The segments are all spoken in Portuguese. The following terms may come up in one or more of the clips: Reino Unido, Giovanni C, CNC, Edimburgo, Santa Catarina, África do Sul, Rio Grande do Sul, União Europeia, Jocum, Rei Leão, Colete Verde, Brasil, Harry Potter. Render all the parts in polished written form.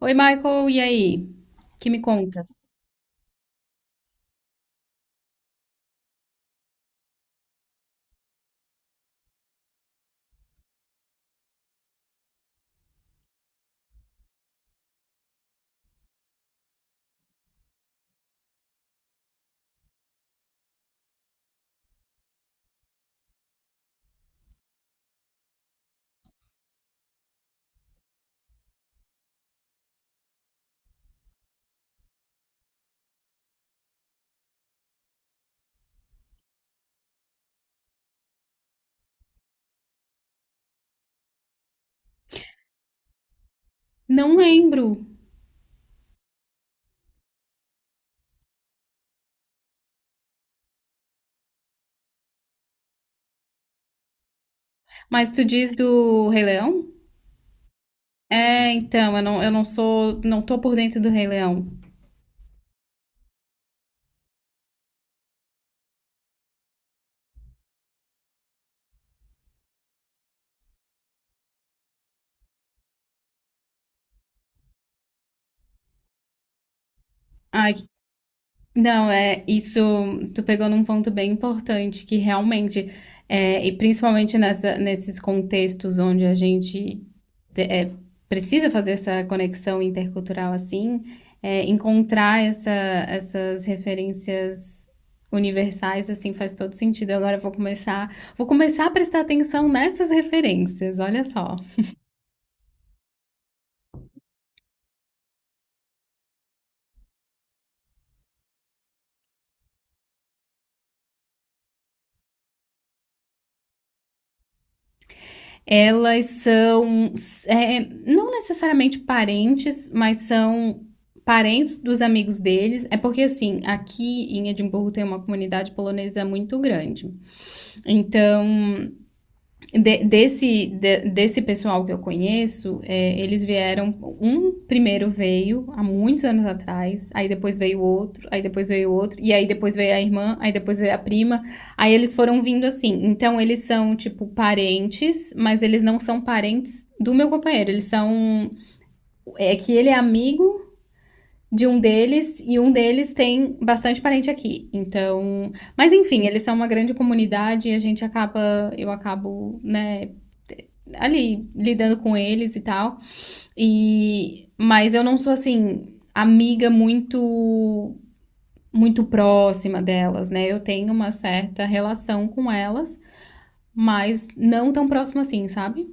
Oi, Michael, e aí? Que me contas? Não lembro. Mas tu diz do Rei Leão? Eu não sou, não tô por dentro do Rei Leão. Ai, não, isso, tu pegou num ponto bem importante, que realmente, e principalmente nesses contextos onde a gente te- é, precisa fazer essa conexão intercultural assim, encontrar essas referências universais assim faz todo sentido. Agora eu vou começar a prestar atenção nessas referências. Olha só, elas são é, não necessariamente parentes, mas são parentes dos amigos deles. É porque assim, aqui em Edimburgo tem uma comunidade polonesa muito grande. Então desse pessoal que eu conheço, eles vieram. Um primeiro veio há muitos anos atrás, aí depois veio outro, aí depois veio outro, e aí depois veio a irmã, aí depois veio a prima. Aí eles foram vindo assim. Então eles são, tipo, parentes, mas eles não são parentes do meu companheiro. Eles são. É que ele é amigo. De um deles, e um deles tem bastante parente aqui. Então, mas enfim, eles são uma grande comunidade e a gente acaba, eu acabo, né, ali lidando com eles e tal. E mas eu não sou assim amiga muito próxima delas, né? Eu tenho uma certa relação com elas, mas não tão próxima assim, sabe?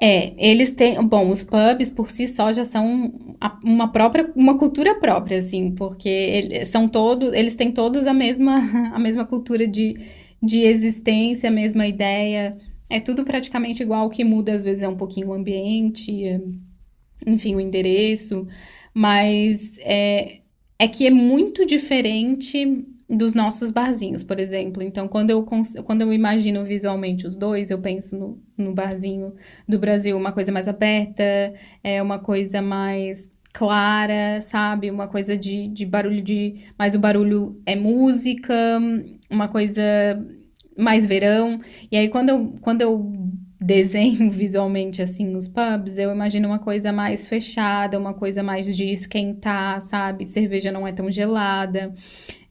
É, eles têm, bom, os pubs por si só já são uma própria, uma cultura própria, assim, porque eles são todos, eles têm todos a mesma, a mesma cultura de existência, a mesma ideia. É tudo praticamente igual, o que muda às vezes é um pouquinho o ambiente, enfim, o endereço, mas é, é que é muito diferente dos nossos barzinhos, por exemplo. Então, quando eu imagino visualmente os dois, eu penso no barzinho do Brasil, uma coisa mais aberta, uma coisa mais clara, sabe? Uma coisa de barulho de. Mas o barulho é música, uma coisa mais verão. E aí, quando eu desenho visualmente, assim, os pubs, eu imagino uma coisa mais fechada, uma coisa mais de esquentar, sabe? Cerveja não é tão gelada,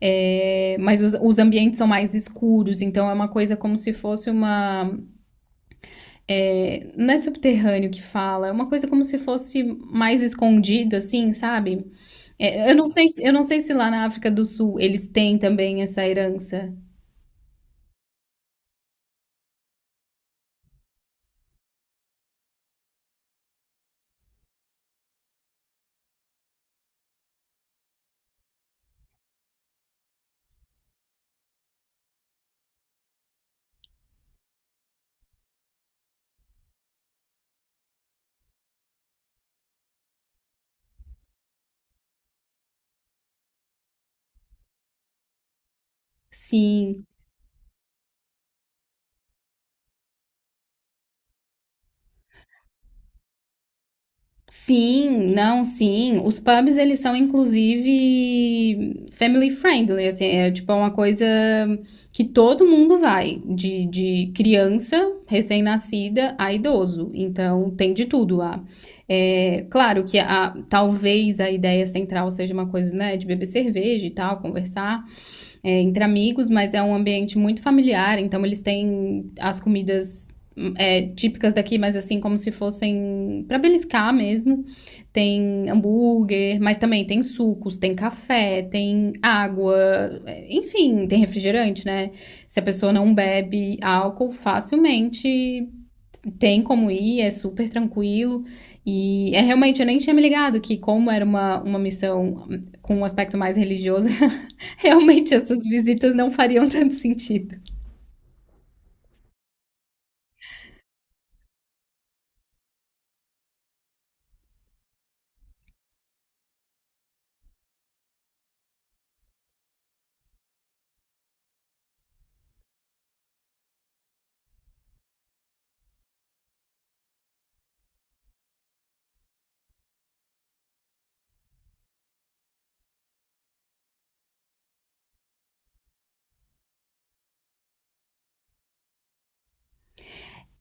mas os ambientes são mais escuros, então é uma coisa como se fosse uma, não é subterrâneo que fala, é uma coisa como se fosse mais escondido, assim, sabe? É, eu não sei, eu não sei se lá na África do Sul eles têm também essa herança. Sim, sim, não, sim. Os pubs, eles são, inclusive, family friendly, assim, é tipo é uma coisa que todo mundo vai, de criança, recém-nascida, a idoso. Então, tem de tudo lá. É, claro que a, talvez a ideia central seja uma coisa, né, de beber cerveja e tal, conversar, entre amigos, mas é um ambiente muito familiar, então eles têm as comidas típicas daqui, mas assim, como se fossem para beliscar mesmo. Tem hambúrguer, mas também tem sucos, tem café, tem água, enfim, tem refrigerante, né? Se a pessoa não bebe álcool, facilmente tem como ir, é super tranquilo. E é realmente, eu nem tinha me ligado que, como era uma missão com um aspecto mais religioso, realmente essas visitas não fariam tanto sentido.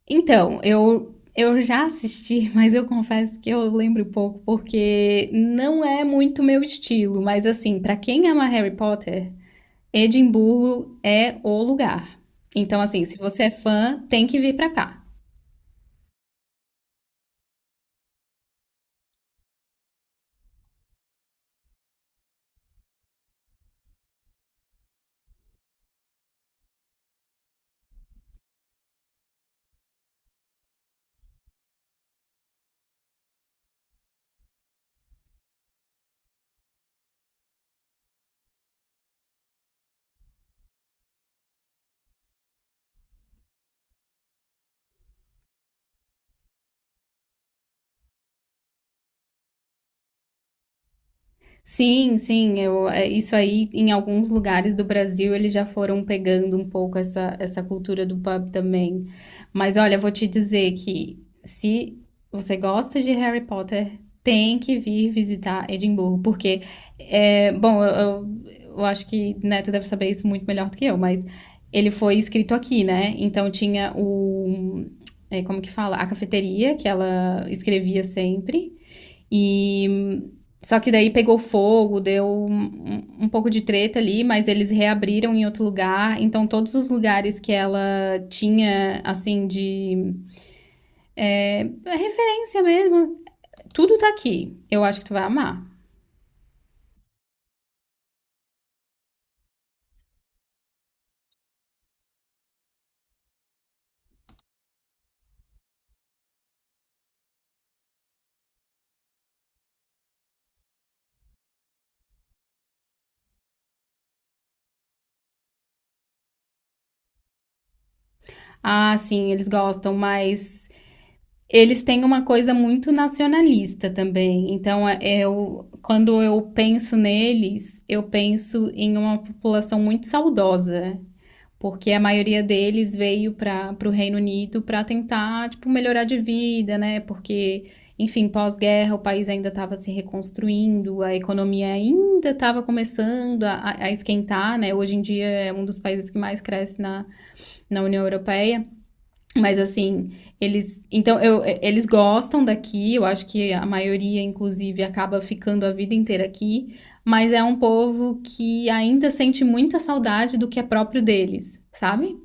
Então, eu já assisti, mas eu confesso que eu lembro pouco, porque não é muito meu estilo. Mas, assim, pra quem ama Harry Potter, Edimburgo é o lugar. Então, assim, se você é fã, tem que vir pra cá. Sim, sim, eu, isso aí em alguns lugares do Brasil eles já foram pegando um pouco essa, essa cultura do pub também. Mas olha, eu vou te dizer que se você gosta de Harry Potter, tem que vir visitar Edimburgo, porque, bom, eu acho que Neto deve saber isso muito melhor do que eu, mas ele foi escrito aqui, né? Então tinha o, como que fala? A cafeteria que ela escrevia sempre. E só que daí pegou fogo, deu um, um pouco de treta ali, mas eles reabriram em outro lugar. Então, todos os lugares que ela tinha, assim, de referência mesmo, tudo tá aqui. Eu acho que tu vai amar. Ah, sim, eles gostam, mas eles têm uma coisa muito nacionalista também. Então, eu, quando eu penso neles, eu penso em uma população muito saudosa, porque a maioria deles veio para o Reino Unido para tentar, tipo, melhorar de vida, né? Porque, enfim, pós-guerra o país ainda estava se reconstruindo, a economia ainda estava começando a esquentar, né? Hoje em dia é um dos países que mais cresce na União Europeia, mas assim, eles, então, eu, eles gostam daqui, eu acho que a maioria, inclusive, acaba ficando a vida inteira aqui, mas é um povo que ainda sente muita saudade do que é próprio deles, sabe?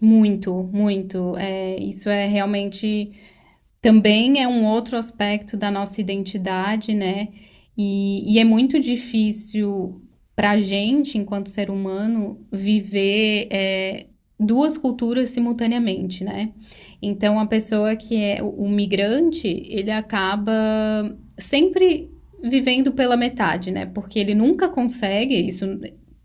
Muito, muito. É, isso é realmente também é um outro aspecto da nossa identidade, né? E é muito difícil para a gente, enquanto ser humano, viver duas culturas simultaneamente, né? Então, a pessoa que é o migrante, ele acaba sempre vivendo pela metade, né? Porque ele nunca consegue, isso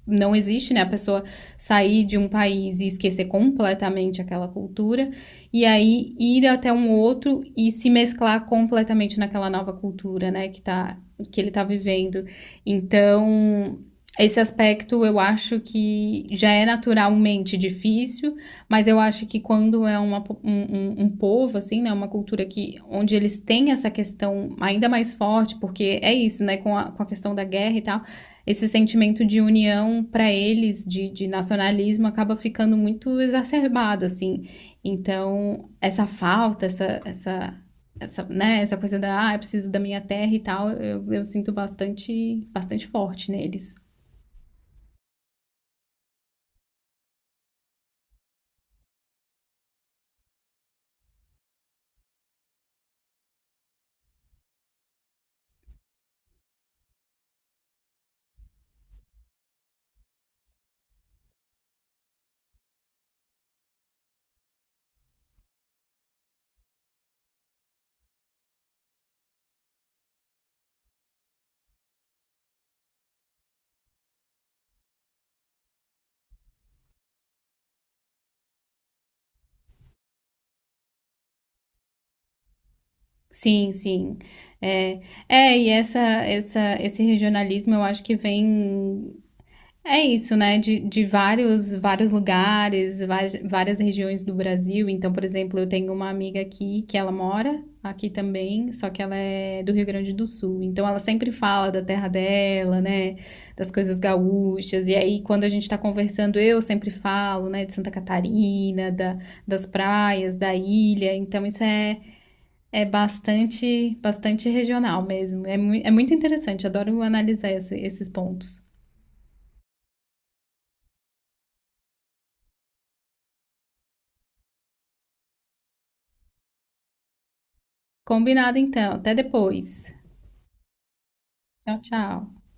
não existe, né? A pessoa sair de um país e esquecer completamente aquela cultura e aí ir até um outro e se mesclar completamente naquela nova cultura, né, que ele tá vivendo. Então, esse aspecto eu acho que já é naturalmente difícil, mas eu acho que quando é uma, um povo, assim, né, uma cultura que, onde eles têm essa questão ainda mais forte, porque é isso, né, com a questão da guerra e tal, esse sentimento de união para eles, de nacionalismo, acaba ficando muito exacerbado, assim, então, essa falta, né, essa coisa da, ah, eu preciso da minha terra e tal, eu sinto bastante, bastante forte neles. Sim, sim. É, é, e esse regionalismo eu acho que vem. É isso, né? De vários, vários lugares, várias, várias regiões do Brasil. Então, por exemplo, eu tenho uma amiga aqui que ela mora aqui também, só que ela é do Rio Grande do Sul. Então, ela sempre fala da terra dela, né? Das coisas gaúchas. E aí, quando a gente tá conversando, eu sempre falo, né? De Santa Catarina, da, das praias, da ilha. Então, isso é, é bastante, bastante regional mesmo. É, é muito interessante. Adoro analisar esses pontos. Combinado então, até depois. Tchau, tchau.